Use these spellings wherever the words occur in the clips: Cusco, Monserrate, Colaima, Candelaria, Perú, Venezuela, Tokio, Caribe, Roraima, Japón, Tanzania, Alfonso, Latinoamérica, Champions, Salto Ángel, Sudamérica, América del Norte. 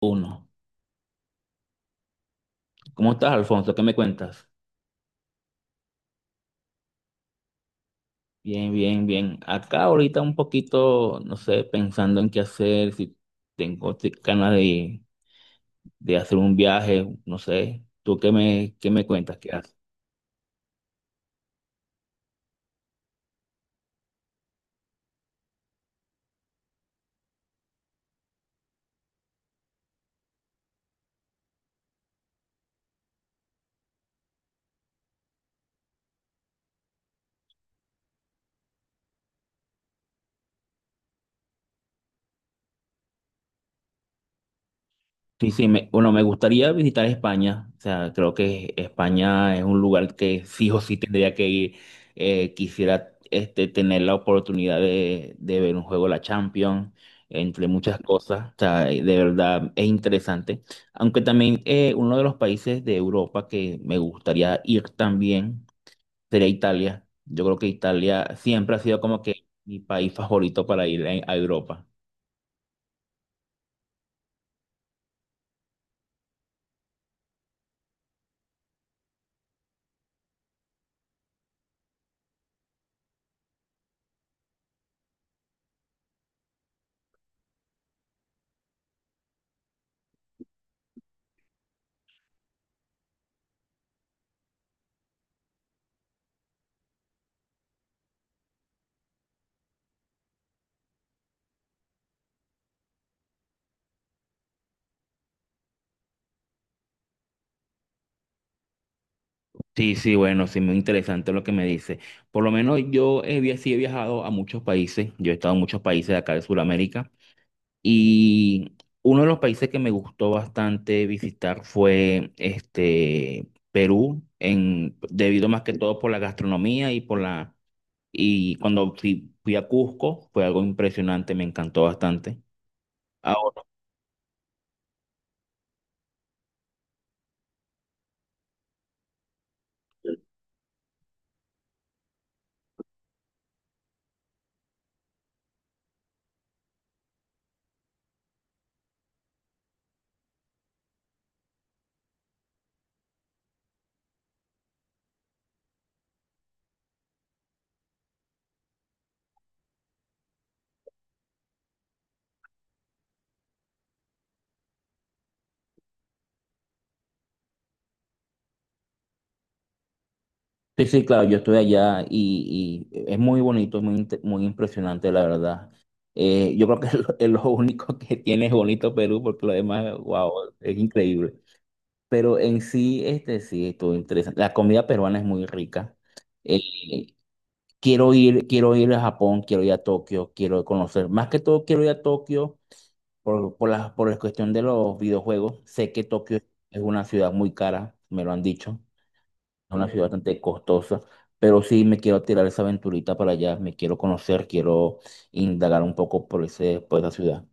Uno. ¿Cómo estás, Alfonso? ¿Qué me cuentas? Bien, bien, bien. Acá ahorita un poquito, no sé, pensando en qué hacer, si ganas de hacer un viaje, no sé. ¿Tú qué me cuentas? ¿Qué haces? Sí, sí, bueno, me gustaría visitar España. O sea, creo que España es un lugar que sí o sí tendría que ir. Quisiera este, tener la oportunidad de ver un juego de la Champions, entre muchas cosas. O sea, de verdad es interesante. Aunque también uno de los países de Europa que me gustaría ir también sería Italia. Yo creo que Italia siempre ha sido como que mi país favorito para ir a Europa. Sí, sí, bueno, sí, muy interesante lo que me dice. Por lo menos yo sí he viajado a muchos países, yo he estado en muchos países de acá de Sudamérica y uno de los países que me gustó bastante visitar fue este Perú, en, debido más que todo por la gastronomía y por la... Y cuando fui a Cusco fue algo impresionante, me encantó bastante. Sí, sí, claro, yo estoy allá y es muy bonito, es muy impresionante, la verdad. Yo creo que es es lo único que tiene es bonito Perú, porque lo demás, wow, es increíble. Pero en sí, este sí, estuvo interesante. La comida peruana es muy rica. Eh, quiero quiero ir a Japón, quiero ir a Tokio, quiero conocer. Más que todo, quiero ir a Tokio por la cuestión de los videojuegos. Sé que Tokio es una ciudad muy cara, me lo han dicho. Es una ciudad bastante costosa, pero sí me quiero tirar esa aventurita para allá, me quiero conocer, quiero indagar un poco por por esa ciudad.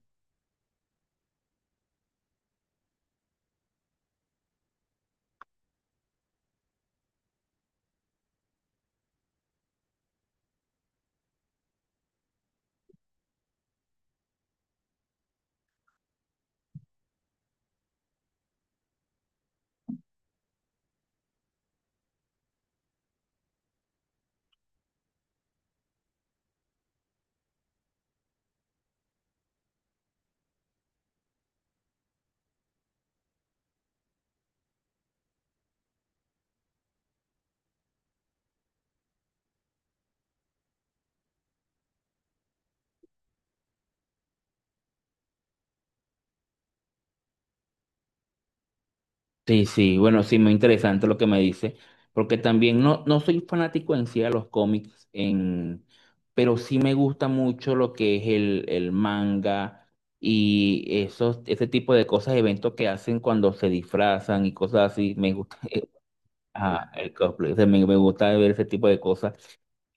Sí, sí, bueno, sí, muy interesante lo que me dice, porque también no soy fanático en sí de los cómics, en, pero sí me gusta mucho lo que es el manga y ese tipo de cosas, eventos que hacen cuando se disfrazan y cosas así, me gusta. Ah, el cosplay, o sea, me gusta ver ese tipo de cosas.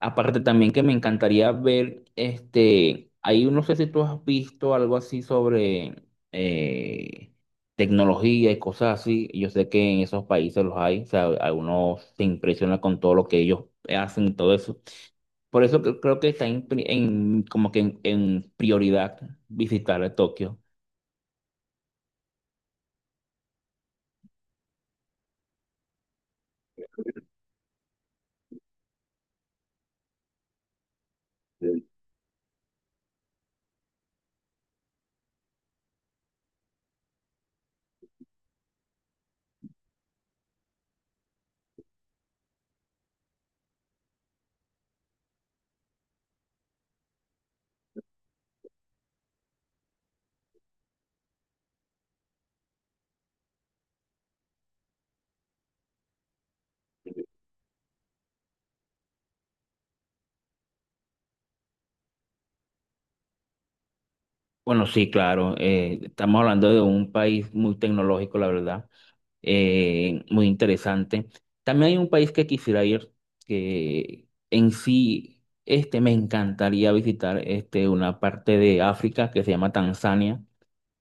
Aparte también que me encantaría ver, este, ahí no sé si tú has visto algo así sobre eh, tecnología y cosas así. Yo sé que en esos países los hay, o sea, a uno se impresiona con todo lo que ellos hacen y todo eso. Por eso creo que está como que en prioridad visitar a Tokio. Bueno, sí, claro, estamos hablando de un país muy tecnológico, la verdad. Muy interesante. También hay un país que quisiera ir, que en sí este, me encantaría visitar este, una parte de África que se llama Tanzania.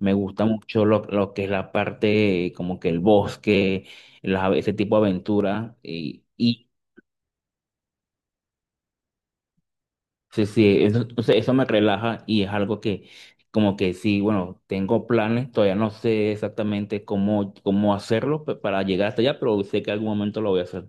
Me gusta mucho lo que es la parte, como que el bosque, ese tipo de aventura. Y sí, sí, eso, o sea, eso me relaja y es algo que, como que sí, bueno, tengo planes, todavía no sé exactamente cómo hacerlo para llegar hasta allá, pero sé que algún momento lo voy a hacer.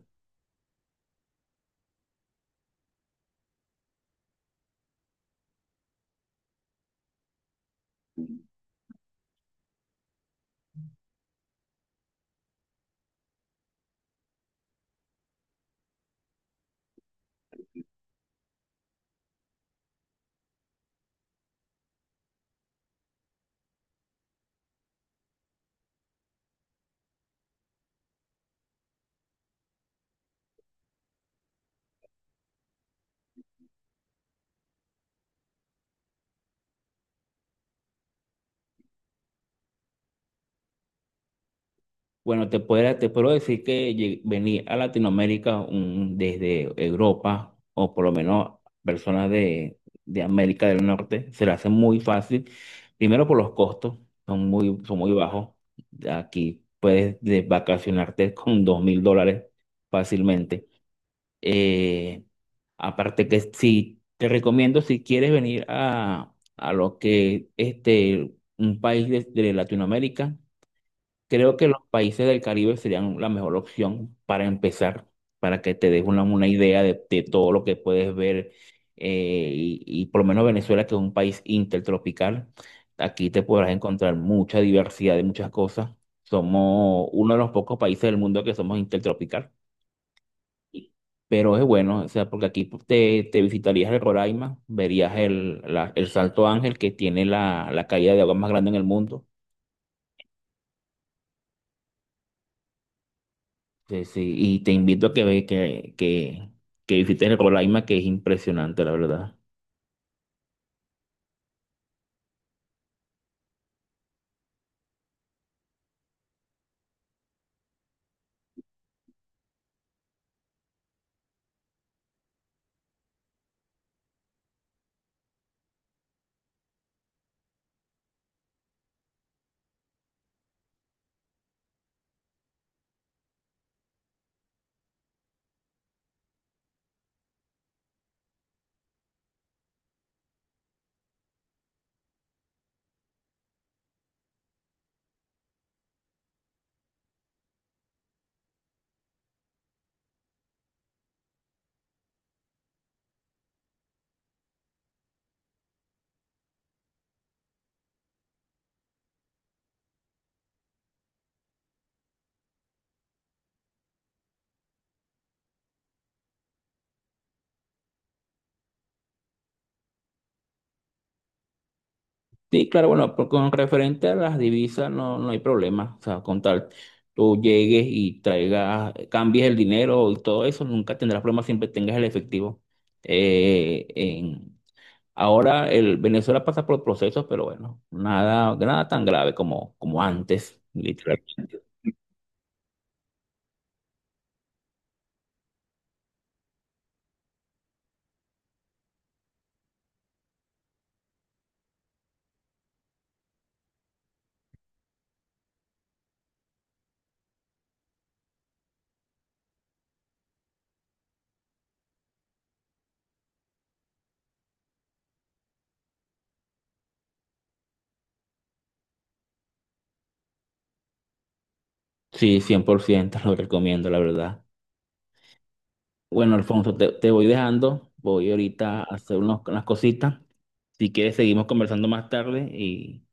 Bueno, te puedo decir que venir a Latinoamérica desde Europa o por lo menos personas de América del Norte se le hace muy fácil. Primero por los costos, son muy bajos. Aquí puedes vacacionarte con $2,000 fácilmente. Eh, Aparte que si te recomiendo, si quieres venir a lo que este, un país de Latinoamérica. Creo que los países del Caribe serían la mejor opción para empezar, para que te des una idea de todo lo que puedes ver. Y por lo menos Venezuela, que es un país intertropical, aquí te podrás encontrar mucha diversidad de muchas cosas. Somos uno de los pocos países del mundo que somos intertropical. y- Pero es bueno, o sea, porque aquí te visitarías el Roraima, verías el Salto Ángel, que tiene la caída de agua más grande en el mundo. Sí, sí, y te invito a que visites el Colaima, que es impresionante, la verdad. Sí, claro, bueno, con referente a las divisas no hay problema. O sea, con tal tú llegues y traigas, cambies el dinero y todo eso, nunca tendrás problema, siempre tengas el efectivo. Eh, en, ahora el Venezuela pasa por procesos, pero bueno, nada, nada tan grave como, como antes, literalmente. Sí, 100% lo recomiendo, la verdad. Bueno, Alfonso, te voy dejando. Voy ahorita a hacer unas cositas. Si quieres, seguimos conversando más tarde y,